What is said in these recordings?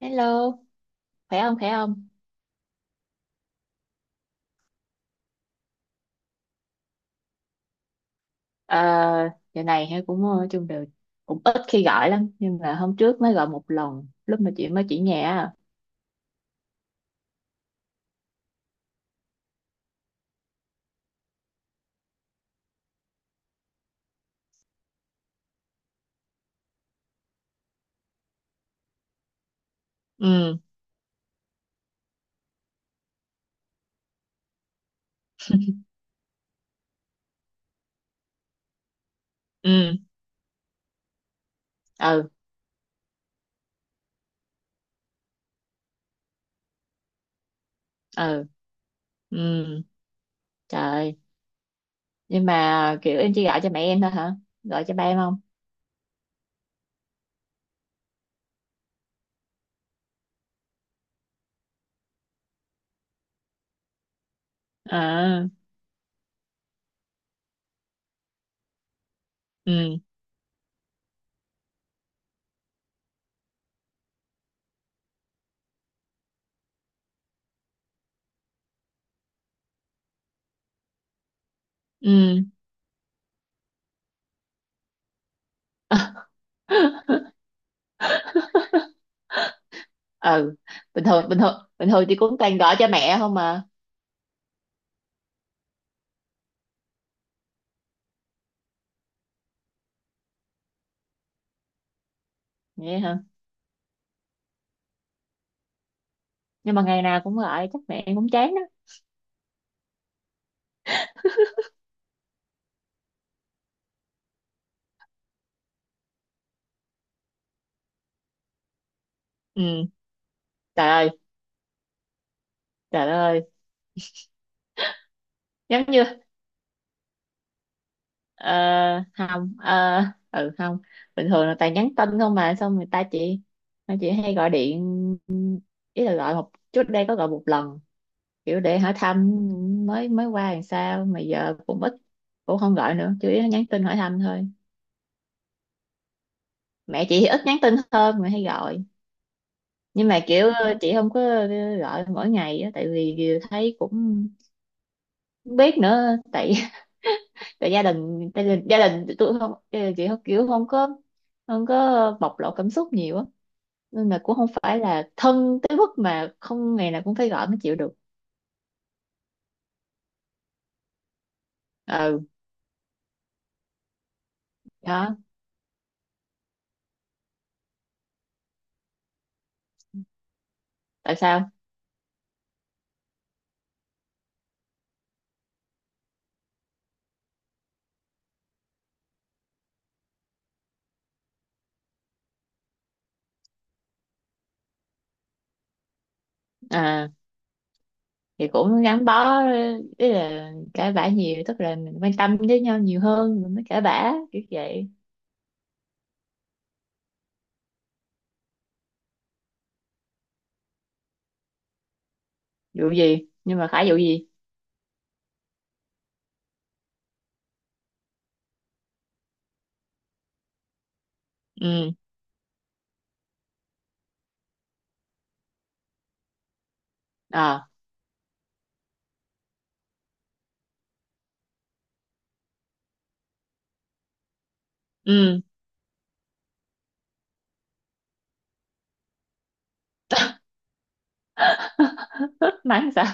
Hello, khỏe không khỏe không? Ờ, giờ này hay cũng chung đều cũng ít khi gọi lắm nhưng mà hôm trước mới gọi một lần lúc mà chị mới chỉ nhà á. Ừ, ừ, ừ, ừ, ừ, trời ơi. Nhưng mà kiểu em chỉ gọi cho mẹ em thôi hả? Gọi cho ba em không? À, ừ, ừ, ừ, bình thường bình thường chị cũng toàn gọi cho mẹ không mà. Vậy hả? Nhưng mà ngày nào cũng gọi chắc mẹ em cũng chán đó. Ừ, trời ơi, trời ơi, giống như. Ờ, không, ừ, không, bình thường là toàn nhắn tin không mà xong người ta chỉ người chị hay gọi điện, ý là gọi một trước đây có gọi một lần kiểu để hỏi thăm mới mới qua làm sao mà giờ cũng ít, cũng không gọi nữa, chủ yếu là nhắn tin hỏi thăm thôi. Mẹ chị thì ít nhắn tin hơn mà hay gọi, nhưng mà kiểu chị không có gọi mỗi ngày á, tại vì thấy cũng không biết nữa tại tại gia đình gia đình tôi không, gia đình chị không kiểu không có, không có bộc lộ cảm xúc nhiều á, nên là cũng không phải là thân tới mức mà không ngày nào cũng phải gọi mới chịu được. Ừ, đó, tại sao? À, thì cũng gắn bó, ý là cãi vã nhiều tức là mình quan tâm với nhau nhiều hơn mình mới cãi vã kiểu vậy. Vụ gì, nhưng mà phải vụ gì? Ừ, ờ, ừ, mắng sao?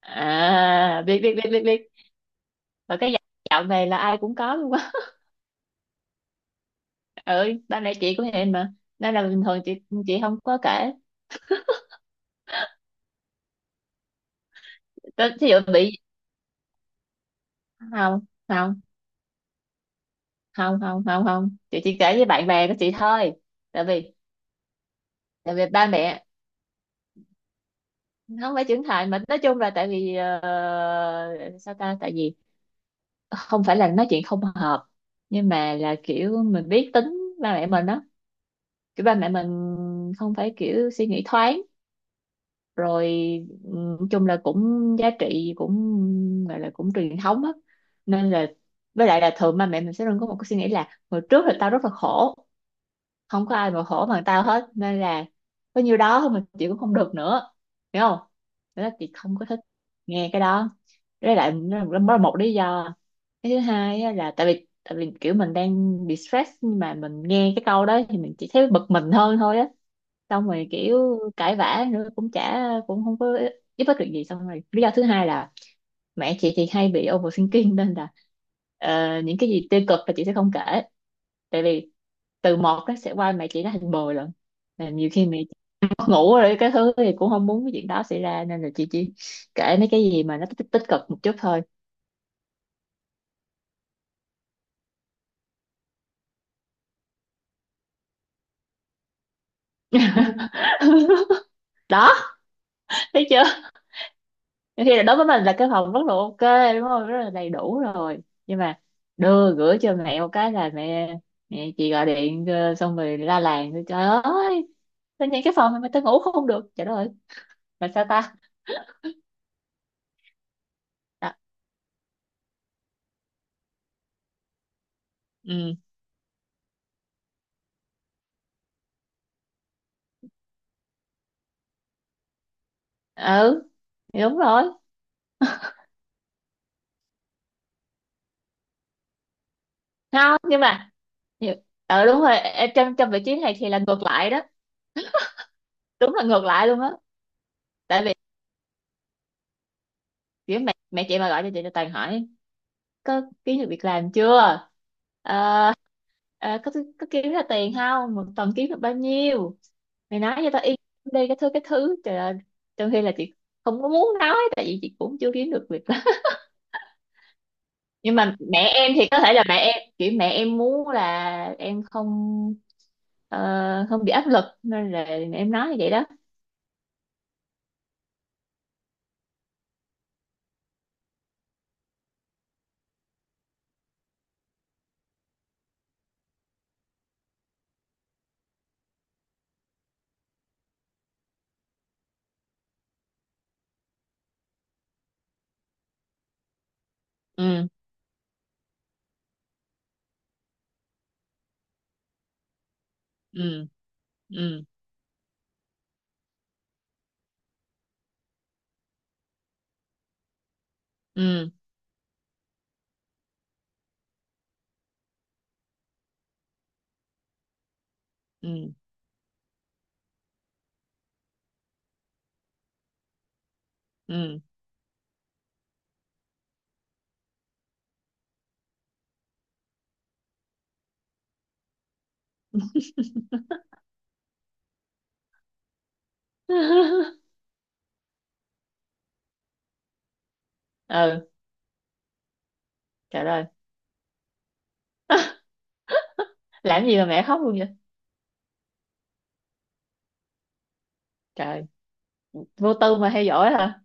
À, biết biết biết biết biết, và cái giọng này là ai cũng có luôn. Ừ, ba mẹ chị cũng vậy mà, nên là bình thường chị không có kể. Thí dụ bị, không không không không, không chị chỉ kể với bạn bè của chị thôi, tại vì ba mẹ không phải trưởng thành mà nói chung là tại vì sao ta, tại vì không phải là nói chuyện không hợp, nhưng mà là kiểu mình biết tính ba mẹ mình đó, kiểu ba mẹ mình không phải kiểu suy nghĩ thoáng, rồi chung là cũng giá trị cũng gọi là cũng truyền thống á. Nên là, với lại là thường ba mẹ mình sẽ luôn có một cái suy nghĩ là hồi trước là tao rất là khổ, không có ai mà khổ bằng tao hết, nên là có nhiêu đó thôi mà chị cũng không được nữa, hiểu không? Thế là chị không có thích nghe cái đó, với lại nó là một lý do. Cái thứ hai á là tại vì kiểu mình đang bị stress nhưng mà mình nghe cái câu đó thì mình chỉ thấy bực mình hơn thôi á, xong rồi kiểu cãi vã nữa cũng chả cũng không có giúp ích được gì. Xong rồi lý do thứ hai là mẹ chị thì hay bị overthinking, nên là những cái gì tiêu cực là chị sẽ không kể, tại vì từ một nó sẽ qua mẹ chị nó thành mười lần. Là nhiều khi mẹ chị mất ngủ rồi cái thứ thì cũng không muốn cái chuyện đó xảy ra, nên là chị chỉ kể mấy cái gì mà nó tích, tích cực một chút thôi. Đó, thấy chưa? Nhiều khi là đối với mình là cái phòng rất là ok đúng không, rất là đầy đủ rồi, nhưng mà đưa gửi cho mẹ một cái là mẹ mẹ chị gọi điện xong rồi la làng trời ơi, tao nhìn cái phòng này mà tao ngủ không được, trời đất ơi, mà sao ta. À, ừ, ừ, thì đúng rồi. Không nhưng mà nhiều- ờ đúng rồi, trong trong vị trí này thì là ngược lại đó, đúng là ngược lại luôn á. Tại vì kiểu mẹ mẹ chị mà gọi cho chị là toàn hỏi có kiếm được việc làm chưa, Ờ, ờ, có có kiếm ra tiền không, một tuần kiếm được bao nhiêu, mày nói cho tao yên tâm đi, cái thứ trời ơi, trong khi là chị không có muốn nói tại vì chị cũng chưa kiếm được việc làm. Nhưng mà mẹ em thì có thể là mẹ em kiểu mẹ em muốn là em không ờ, không bị áp lực nên là mẹ em nói như vậy đó. Ừ, ừ, ừ, ừ, ừ, ừ, ừ, trời ơi, làm gì mà mẹ khóc luôn vậy? Trời, vô tư mà theo dõi hả?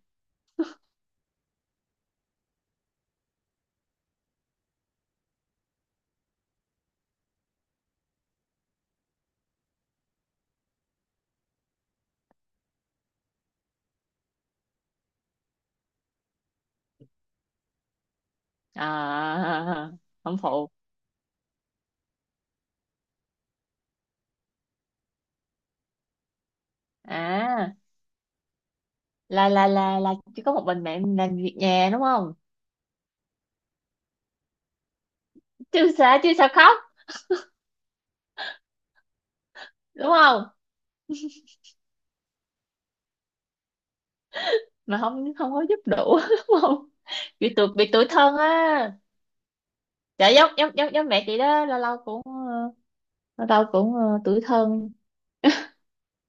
À không phụ, à là chỉ có một mình mẹ làm việc nhà đúng không? Chứ sao, chứ sao khóc, đúng không? Mà không không có giúp đủ, đúng không, bị tụt bị tủi thân á. Dạ giống giống giống giống mẹ chị đó, lâu lâu cũng lâu lâu cũng tủi thân,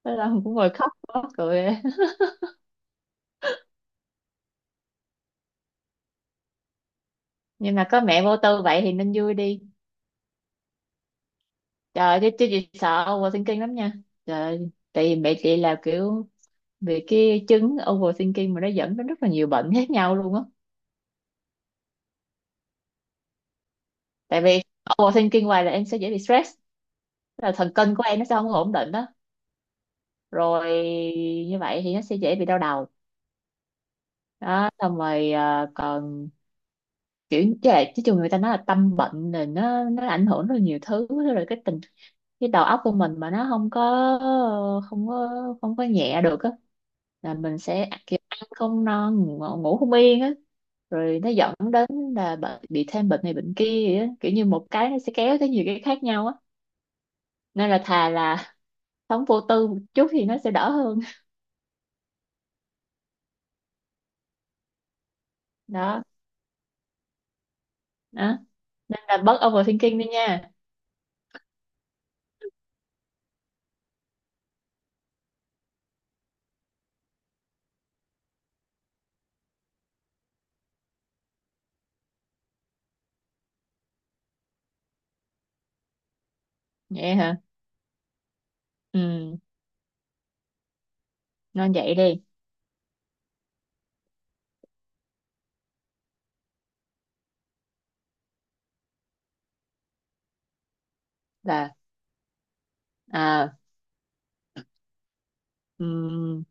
lâu lâu cũng ngồi khóc mắc cười. Nhưng mà có mẹ vô tư vậy thì nên vui đi. Trời chứ chứ chị sợ overthinking lắm nha. Trời, tại vì mẹ chị là kiểu vì cái chứng overthinking mà nó dẫn đến rất là nhiều bệnh khác nhau luôn á. Tại vì overthinking hoài là em sẽ dễ bị stress, tức là thần kinh của em nó sẽ không có ổn định đó, rồi như vậy thì nó sẽ dễ bị đau đầu. Đó, xong rồi còn kiểu chứ là chứ chung người ta nói là tâm bệnh là nó ảnh hưởng rất là nhiều thứ. Rồi cái tình đầu óc của mình mà nó không có không có không có nhẹ được á, là mình sẽ kiểu ăn không no ngủ, ngủ không yên á, rồi nó dẫn đến là bị thêm bệnh này bệnh kia vậy á. Kiểu như một cái nó sẽ kéo tới nhiều cái khác nhau á, nên là thà là sống vô tư một chút thì nó sẽ đỡ hơn. Đó, đó, nên là bớt overthinking đi nha. Vậy hả, ừ, nên vậy đi. Là, à, ừ,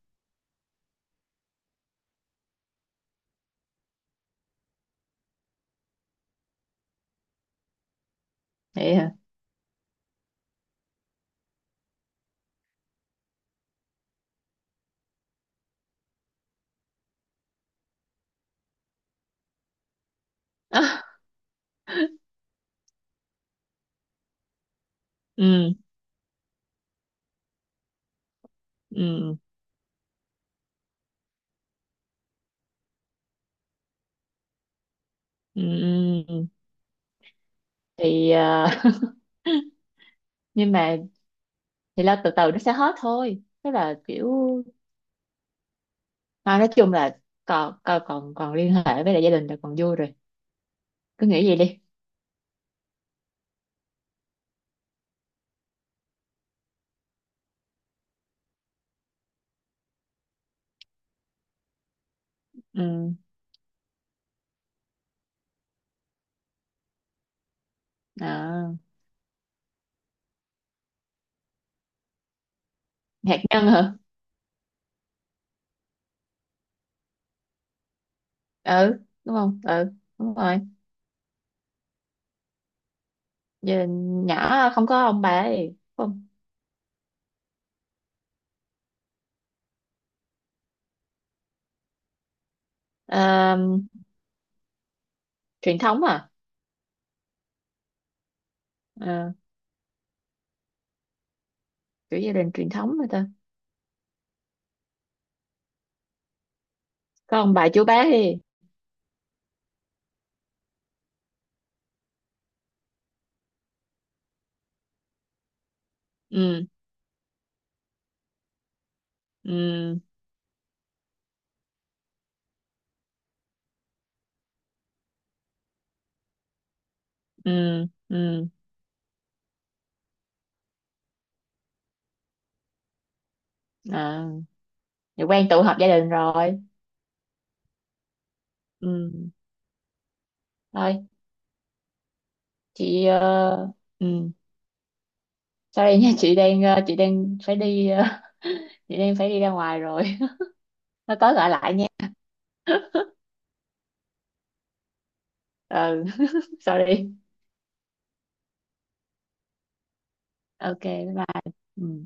vậy hả, ừ, ừ, ừ, ừ. Thì nhưng mà thì lo từ từ nó sẽ hết thôi, tức là kiểu mà nói chung là còn còn còn, còn liên hệ với lại gia đình là còn vui rồi, cứ nghĩ vậy đi. Ừ, à, hạt nhân hả? Ừ đúng không, ừ đúng rồi. Giờ nhỏ không có ông bà ấy không? À, truyền thống à? Ờ, kiểu gia đình truyền thống mà ta, có ông bà chú bác đi. Ừ, ừ, ừ, ừ, à, thì quen tụ họp gia đình rồi. Ừ, thôi chị ừ, sorry nha, chị đang chị đang phải đi chị đang phải đi ra ngoài rồi. Nó có gọi lại nha. Ừ, sorry. Ok, bye bye. Ừ.